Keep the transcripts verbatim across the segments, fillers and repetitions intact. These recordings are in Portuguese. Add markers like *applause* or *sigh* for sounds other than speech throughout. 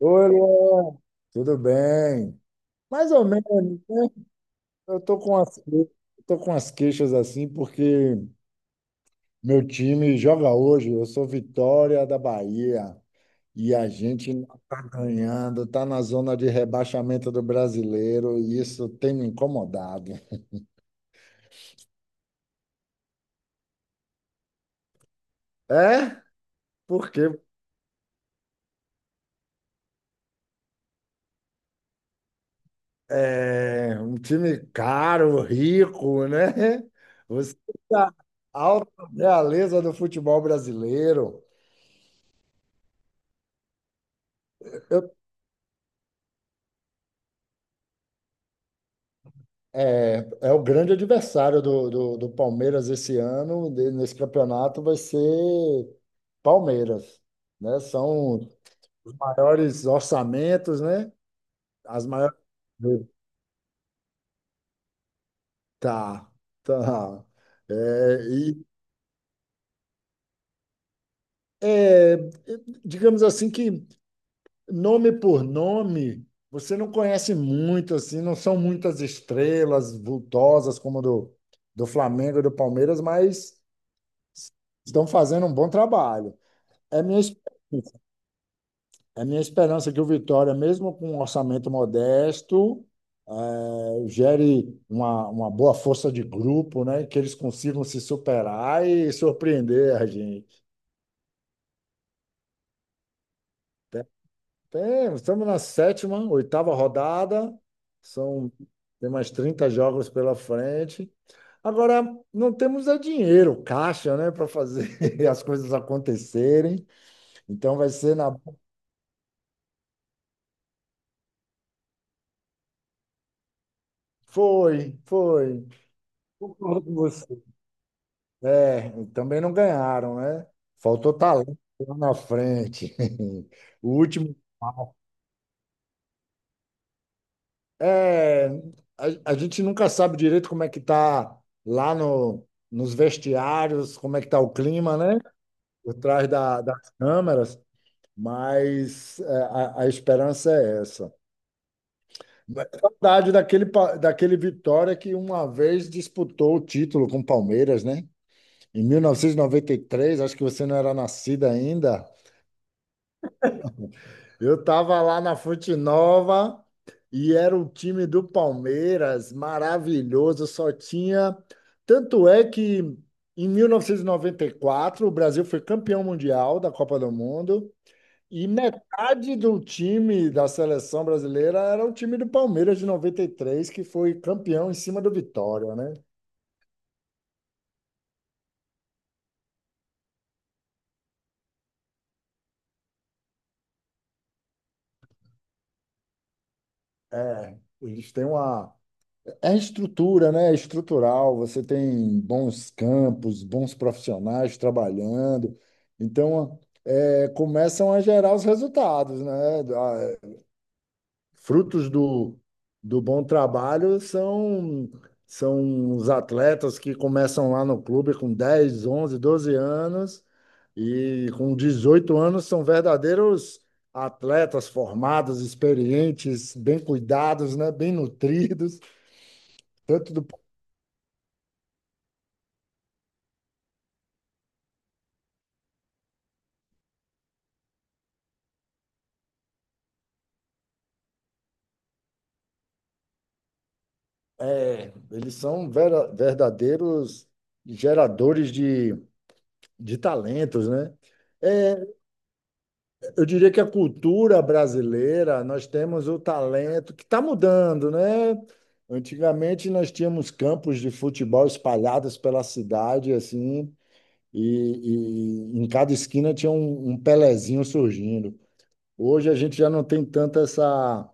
Oi, Luan. Tudo bem? Mais ou menos, né? Eu tô com as, eu tô com as queixas assim porque meu time joga hoje. Eu sou Vitória da Bahia e a gente não tá ganhando, tá na zona de rebaixamento do Brasileiro e isso tem me incomodado. É? Porque é um time caro, rico, né? Você tá alta realeza do futebol brasileiro. É, é o grande adversário do, do, do Palmeiras esse ano, de- nesse campeonato, vai ser Palmeiras, né? São os maiores orçamentos, né? As maiores. Tá, tá. É, e, é, digamos assim que nome por nome, você não conhece muito, assim, não são muitas estrelas vultosas como a do, do Flamengo e do Palmeiras, mas estão fazendo um bom trabalho. É minha, esp- é minha esperança que o Vitória, mesmo com um orçamento modesto, eh, gere uma, uma boa força de grupo, né? Que eles consigam se superar e surpreender a gente. Tem- tem- Estamos na sétima, oitava rodada, são, tem mais trinta jogos pela frente. Agora, não temos é dinheiro, caixa, né, para fazer *laughs* as coisas acontecerem. Então vai ser na. Foi, foi. Concordo com você. É, e também não ganharam, né? Faltou talento lá na frente. *laughs* O último, é, a, a gente nunca sabe direito como é que tá lá no, nos vestiários, como é que tá o clima, né? Por trás da- das câmeras, mas é, a, a esperança é essa. Mas é saudade daquele, pa- daquele Vitória que uma vez disputou o título com o Palmeiras, né? Em mil novecentos e e noventa e três acho que você não era nascida ainda. Eu tava lá na Fonte Nova e era o time do Palmeiras, maravilhoso, só tinha. Tanto é que em mil novecentos e e noventa e quatro o Brasil foi campeão mundial da Copa do Mundo e metade do time da seleção brasileira era o time do Palmeiras de noventa e três que foi campeão em cima do Vitória, né? É, eles têm uma é estrutura, né? É estrutural. Você tem bons campos, bons profissionais trabalhando. Então, é, começam a gerar os resultados, né? Ah, frutos do, do bom trabalho são, são os atletas que começam lá no clube com dez, onze, doze anos e com dezoito anos são verdadeiros atletas formados, experientes, bem cuidados, né? Bem nutridos tanto do. É, eles são vera- verdadeiros geradores de, de talentos, né? É, eu diria que a cultura brasileira, nós temos o talento que está mudando, né? Antigamente nós tínhamos campos de futebol espalhados pela cidade, assim, e, e em cada esquina tinha um, um Pelezinho surgindo. Hoje a gente já não tem tanto essa,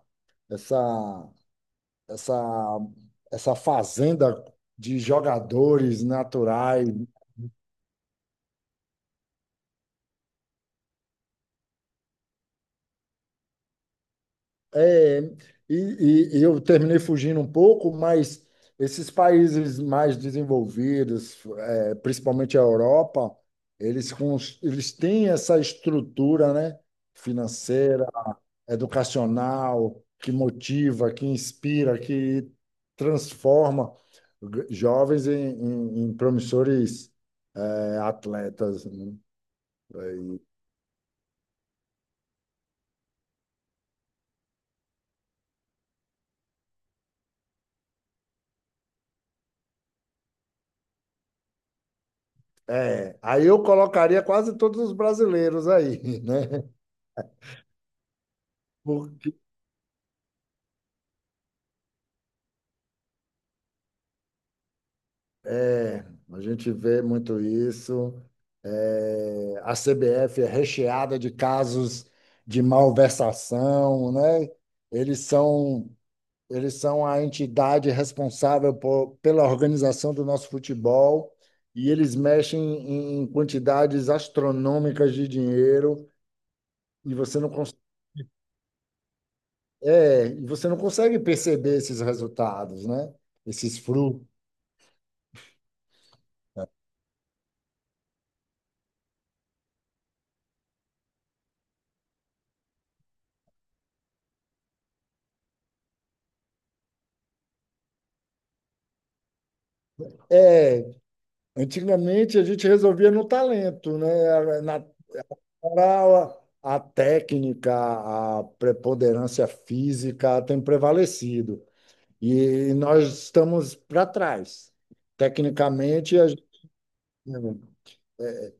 essa essa, essa fazenda de jogadores naturais. É, e, e- e eu terminei fugindo um pouco, mas esses países mais desenvolvidos, é, principalmente a Europa, eles, cons- eles têm essa estrutura, né, financeira, educacional, que motiva, que inspira, que transforma jovens em, em- em promissores, eh, atletas, né? É, aí eu colocaria quase todos os brasileiros aí, *laughs* né? Porque é, a gente vê muito isso. É, a C B F é recheada de casos de malversação, né? Eles são, eles são a entidade responsável por, pela organização do nosso futebol e eles mexem em em quantidades astronômicas de dinheiro e você não. É, e você não consegue perceber esses resultados, né? Esses frutos. É, antigamente a gente resolvia no talento, né? Era na, era a, a técnica, a preponderância física tem prevalecido. E nós estamos para trás. Tecnicamente, a gente-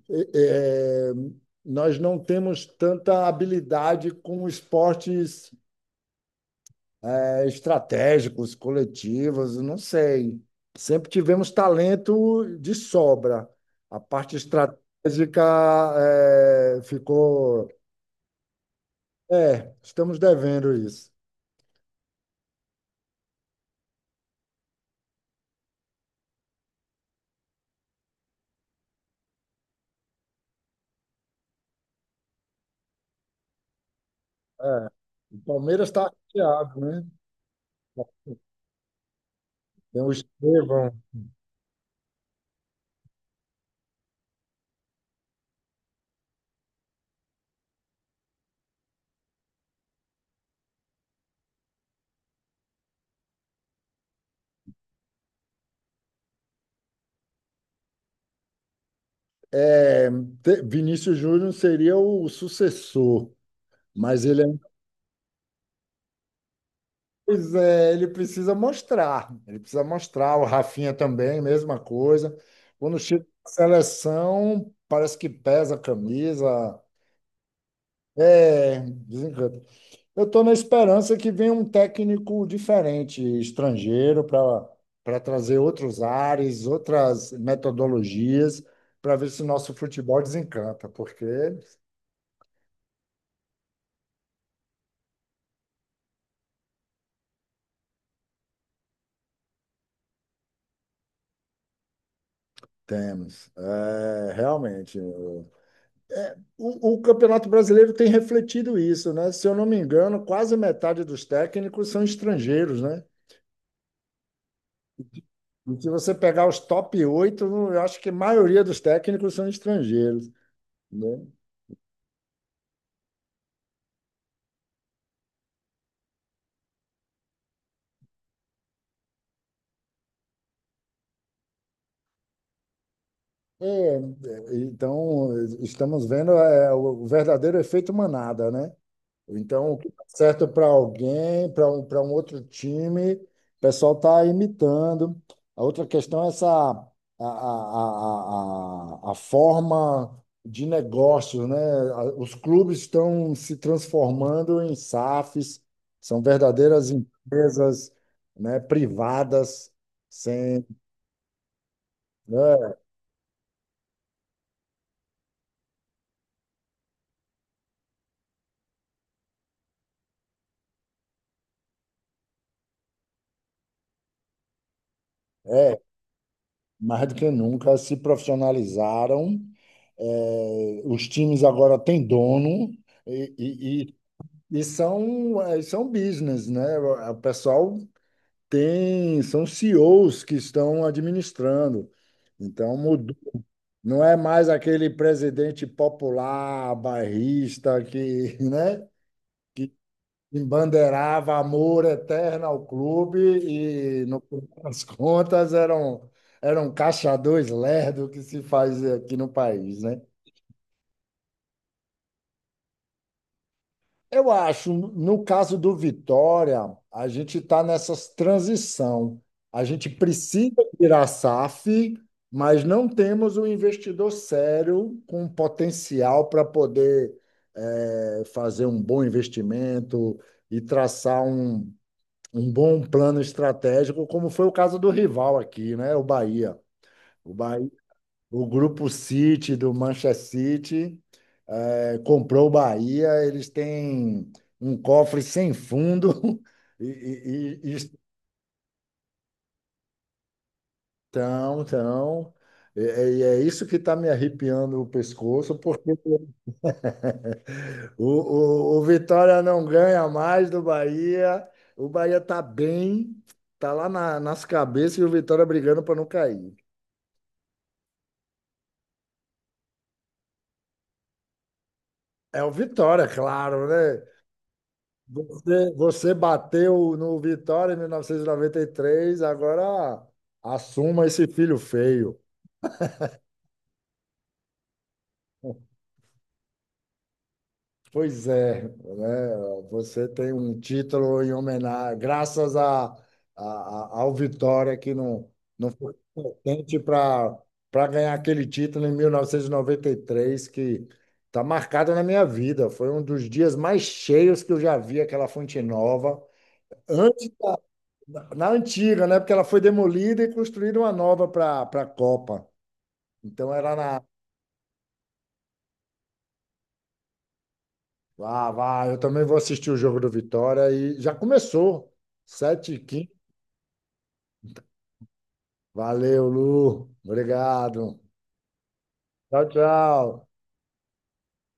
é, é, é, nós não temos tanta habilidade com esportes é, estratégicos, coletivos, não sei. Sempre tivemos talento de sobra. A parte estratégica é, ficou. É, estamos devendo isso. É, o Palmeiras está chateado, né? Tem o Estevão. É, Te- Vinícius Júnior seria o sucessor, mas ele é pois é, ele precisa mostrar. Ele precisa mostrar. O Rafinha também, mesma coisa. Quando chega na seleção, parece que pesa a camisa. É, desencanta. Eu estou na esperança que venha um técnico diferente, estrangeiro, para para trazer outros ares, outras metodologias, para ver se o nosso futebol desencanta, porque temos, é, realmente. O, o Campeonato Brasileiro tem refletido isso, né? Se eu não me engano, quase metade dos técnicos são estrangeiros, né? E se você pegar os top oito, eu acho que a maioria dos técnicos são estrangeiros, né? É, é, então, estamos vendo é, o verdadeiro efeito manada, né? Então, o que dá certo para alguém, para um, para um outro time, o pessoal está imitando. A outra questão é essa a, a, a, a, a forma de negócio, né? A- Os clubes estão se transformando em S A Fs, são verdadeiras empresas, né, privadas, sem, né, mais do que nunca se profissionalizaram. Eh, os times agora têm dono. E, E são, eh, são business, né? O o pessoal tem, são C E Os que estão administrando. Então, mudou. Não é mais aquele presidente popular, bairrista, que, *laughs* né, embandeirava amor eterno ao clube e, no final das contas, era um, era um caixa dois lerdo que se faz aqui no país, né? Eu acho, no caso do Vitória, a gente está nessa transição. A gente precisa virar S A F, mas não temos um investidor sério com potencial para poder eh, fazer um bom investimento e traçar um, um bom plano estratégico, como foi o caso do rival aqui, né? O Bahia. O Bahia, o grupo City do Manchester City, eh, comprou o Bahia. Eles têm um cofre sem fundo *laughs* e, e- e estão, estão. E e é isso que está me arrepiando o pescoço, porque *laughs* o, o, o Vitória não ganha mais do Bahia. O Bahia está bem, está lá na- nas cabeças e o Vitória brigando para não cair. É o Vitória, claro, né? Você, você bateu no Vitória em mil novecentos e noventa e três, agora assuma esse filho feio. Pois é, né? Você tem um título em homenagem, graças a, a- a- ao Vitória, que não, não foi importante para para ganhar aquele título em mil novecentos e noventa e três, que está marcado na minha vida. Foi um dos dias mais cheios que eu já vi aquela Fonte Nova. Antes, Na na antiga, né? Porque ela foi demolida e construíram uma nova para para a Copa. Então era na. Ah, vai, eu também vou assistir o jogo do Vitória e já começou. sete e quinze. Valeu, Lu. Obrigado. Tchau, tchau.